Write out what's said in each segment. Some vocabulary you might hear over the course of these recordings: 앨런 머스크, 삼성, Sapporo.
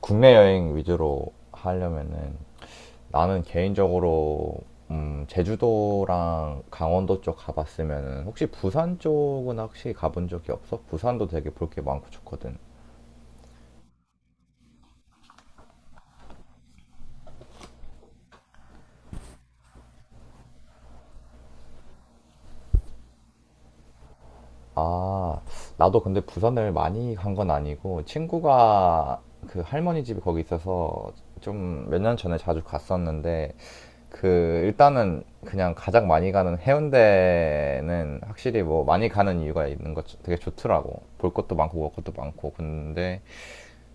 국내 여행 위주로 하려면은 나는 개인적으로 제주도랑 강원도 쪽 가봤으면은 혹시 부산 쪽은 혹시 가본 적이 없어? 부산도 되게 볼 게 많고 좋거든. 아, 나도 근데 부산을 많이 간 건 아니고 친구가 그 할머니 집이 거기 있어서 좀 몇 년 전에 자주 갔었는데 그 일단은 그냥 가장 많이 가는 해운대는 확실히 뭐 많이 가는 이유가 있는 것 되게 좋더라고. 볼 것도 많고 먹을 것도 많고. 근데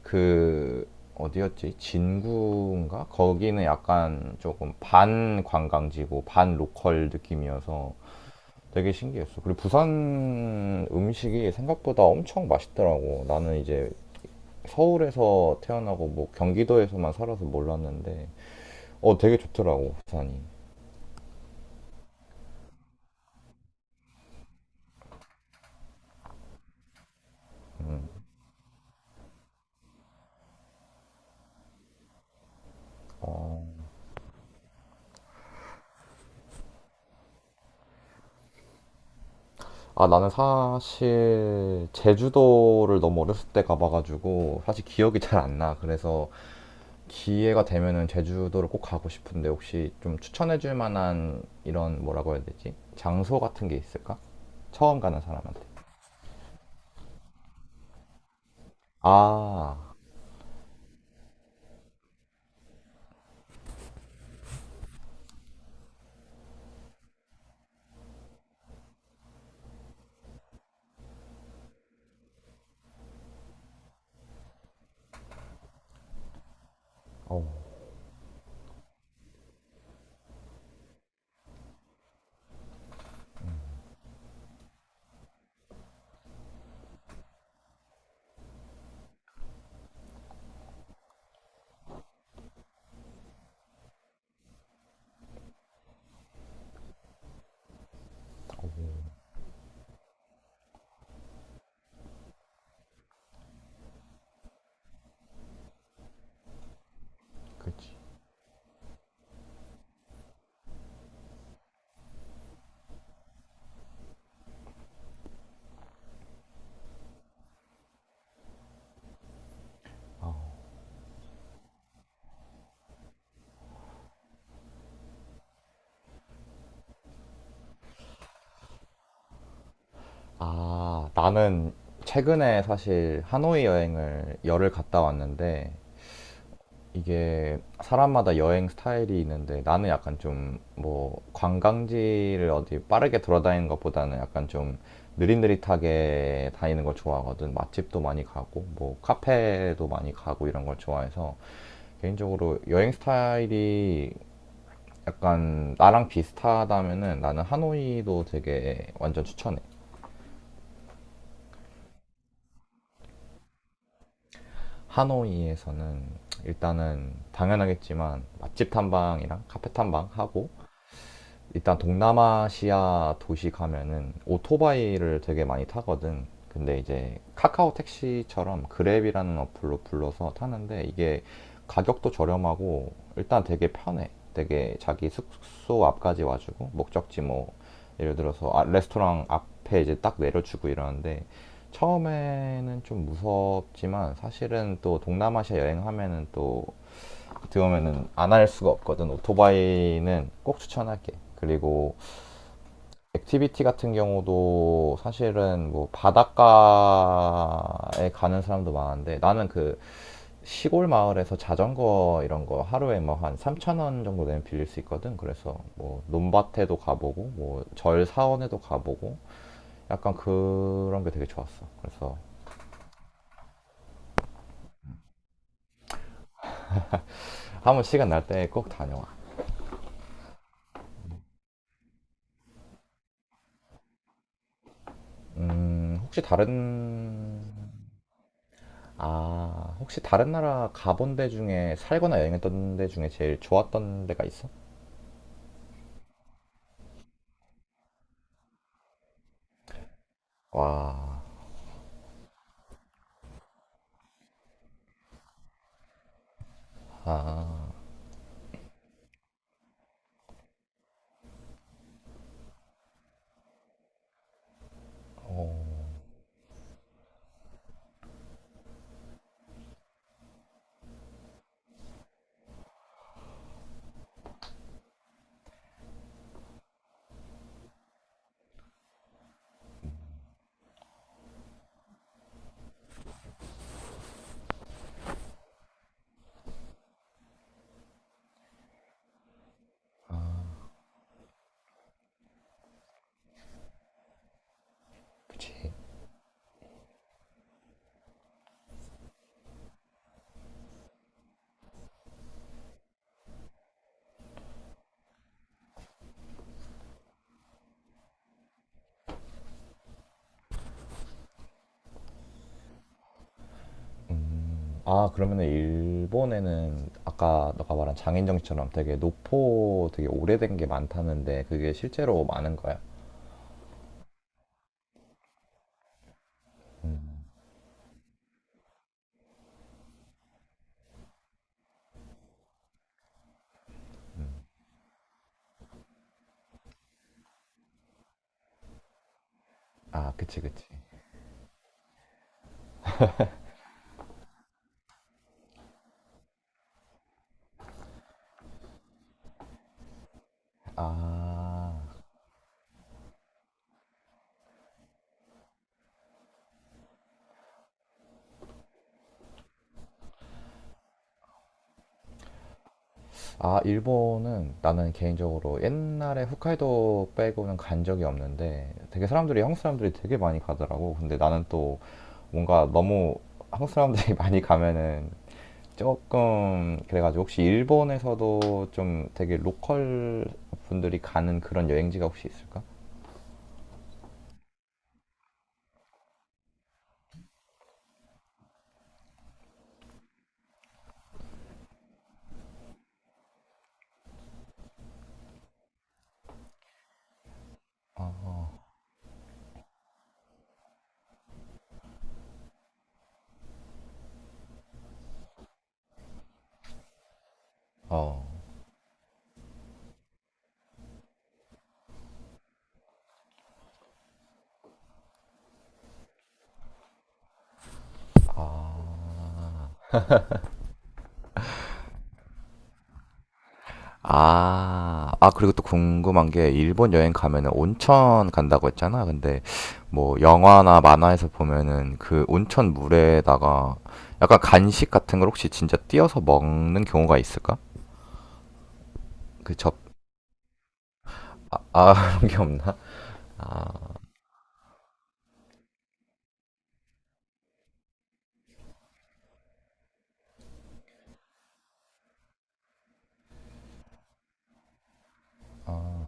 그 어디였지? 진구인가? 거기는 약간 조금 반 관광지고 반 로컬 느낌이어서 되게 신기했어. 그리고 부산 음식이 생각보다 엄청 맛있더라고. 나는 이제 서울에서 태어나고 뭐 경기도에서만 살아서 몰랐는데 어 되게 좋더라고 부산이. 아, 나는 사실 제주도를 너무 어렸을 때 가봐가지고 사실 기억이 잘 안 나. 그래서 기회가 되면은 제주도를 꼭 가고 싶은데 혹시 좀 추천해줄 만한 이런 뭐라고 해야 되지? 장소 같은 게 있을까? 처음 가는 사람한테. 아, 어, 그치. 아, 나는 최근에 사실 하노이 여행을 열흘 갔다 왔는데 이게 사람마다 여행 스타일이 있는데 나는 약간 좀 뭐 관광지를 어디 빠르게 돌아다니는 것보다는 약간 좀 느릿느릿하게 다니는 걸 좋아하거든. 맛집도 많이 가고 뭐 카페도 많이 가고 이런 걸 좋아해서 개인적으로 여행 스타일이 약간 나랑 비슷하다면은 나는 하노이도 되게 완전 추천해. 하노이에서는 일단은 당연하겠지만 맛집 탐방이랑 카페 탐방 하고 일단 동남아시아 도시 가면은 오토바이를 되게 많이 타거든. 근데 이제 카카오 택시처럼 그랩이라는 어플로 불러서 타는데 이게 가격도 저렴하고 일단 되게 편해. 되게 자기 숙소 앞까지 와주고 목적지 뭐 예를 들어서 아, 레스토랑 앞에 이제 딱 내려주고 이러는데 처음에는 좀 무섭지만 사실은 또 동남아시아 여행하면은 또 들어오면은 안 할 수가 없거든. 오토바이는 꼭 추천할게. 그리고 액티비티 같은 경우도 사실은 뭐 바닷가에 가는 사람도 많은데 나는 그 시골 마을에서 자전거 이런 거 하루에 뭐 한 3천 원 정도 되면 빌릴 수 있거든. 그래서 뭐 논밭에도 가보고 뭐 절 사원에도 가보고 약간 그런 게 되게 좋았어. 그래서 한번 시간 날 때 꼭 다녀와. 혹시 다른 아, 혹시 다른 나라 가본 데 중에 살거나 여행했던 데 중에 제일 좋았던 데가 있어? 와, 그치. 아, 그러면은 일본에는 아까 너가 말한 장인정신처럼 되게 노포 되게 오래된 게 많다는데 그게 실제로 많은 거야? 아, 그치, 그치. 아, 아, 일본은 나는 개인적으로 옛날에 홋카이도 빼고는 간 적이 없는데 되게 사람들이 한국 사람들이 되게 많이 가더라고. 근데 나는 또 뭔가 너무 한국 사람들이 많이 가면은 조금 그래가지고 혹시 일본에서도 좀 되게 로컬 분들이 가는 그런 여행지가 혹시 있을까? 어. 아, 아, 그리고 또 궁금한 게, 일본 여행 가면은 온천 간다고 했잖아. 근데, 뭐, 영화나 만화에서 보면은 그 온천 물에다가 약간 간식 같은 걸 혹시 진짜 띄어서 먹는 경우가 있을까? 그 접, 아, 그런 게 없나? 어,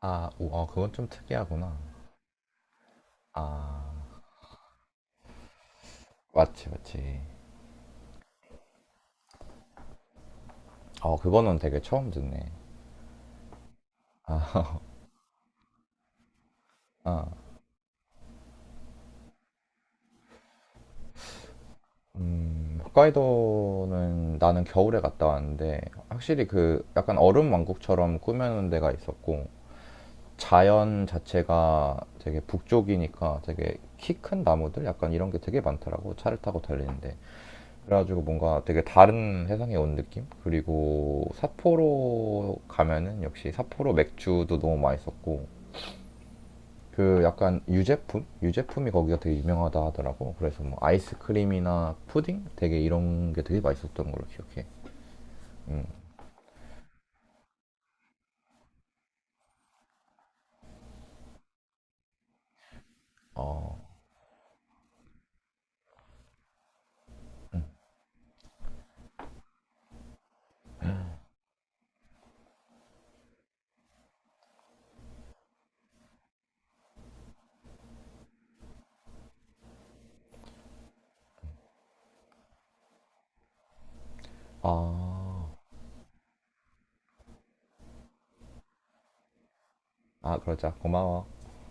아, 오, 어, 그건 좀 특이하구나. 아, 맞지, 맞지. 어, 그거는 되게 처음 듣네. 아, 홋카이도는 나는 겨울에 갔다 왔는데 확실히 그 약간 얼음 왕국처럼 꾸며놓은 데가 있었고 자연 자체가 되게 북쪽이니까 되게 키 큰 나무들 약간 이런 게 되게 많더라고 차를 타고 달리는데 그래가지고 뭔가 되게 다른 세상에 온 느낌? 그리고 삿포로 가면은 역시 삿포로 맥주도 너무 맛있었고 그 약간 유제품? 유제품이 거기가 되게 유명하다 하더라고. 그래서 뭐 아이스크림이나 푸딩? 되게 이런 게 되게 맛있었던 걸로 기억해. 어, 아, 아, 그러자. 고마워.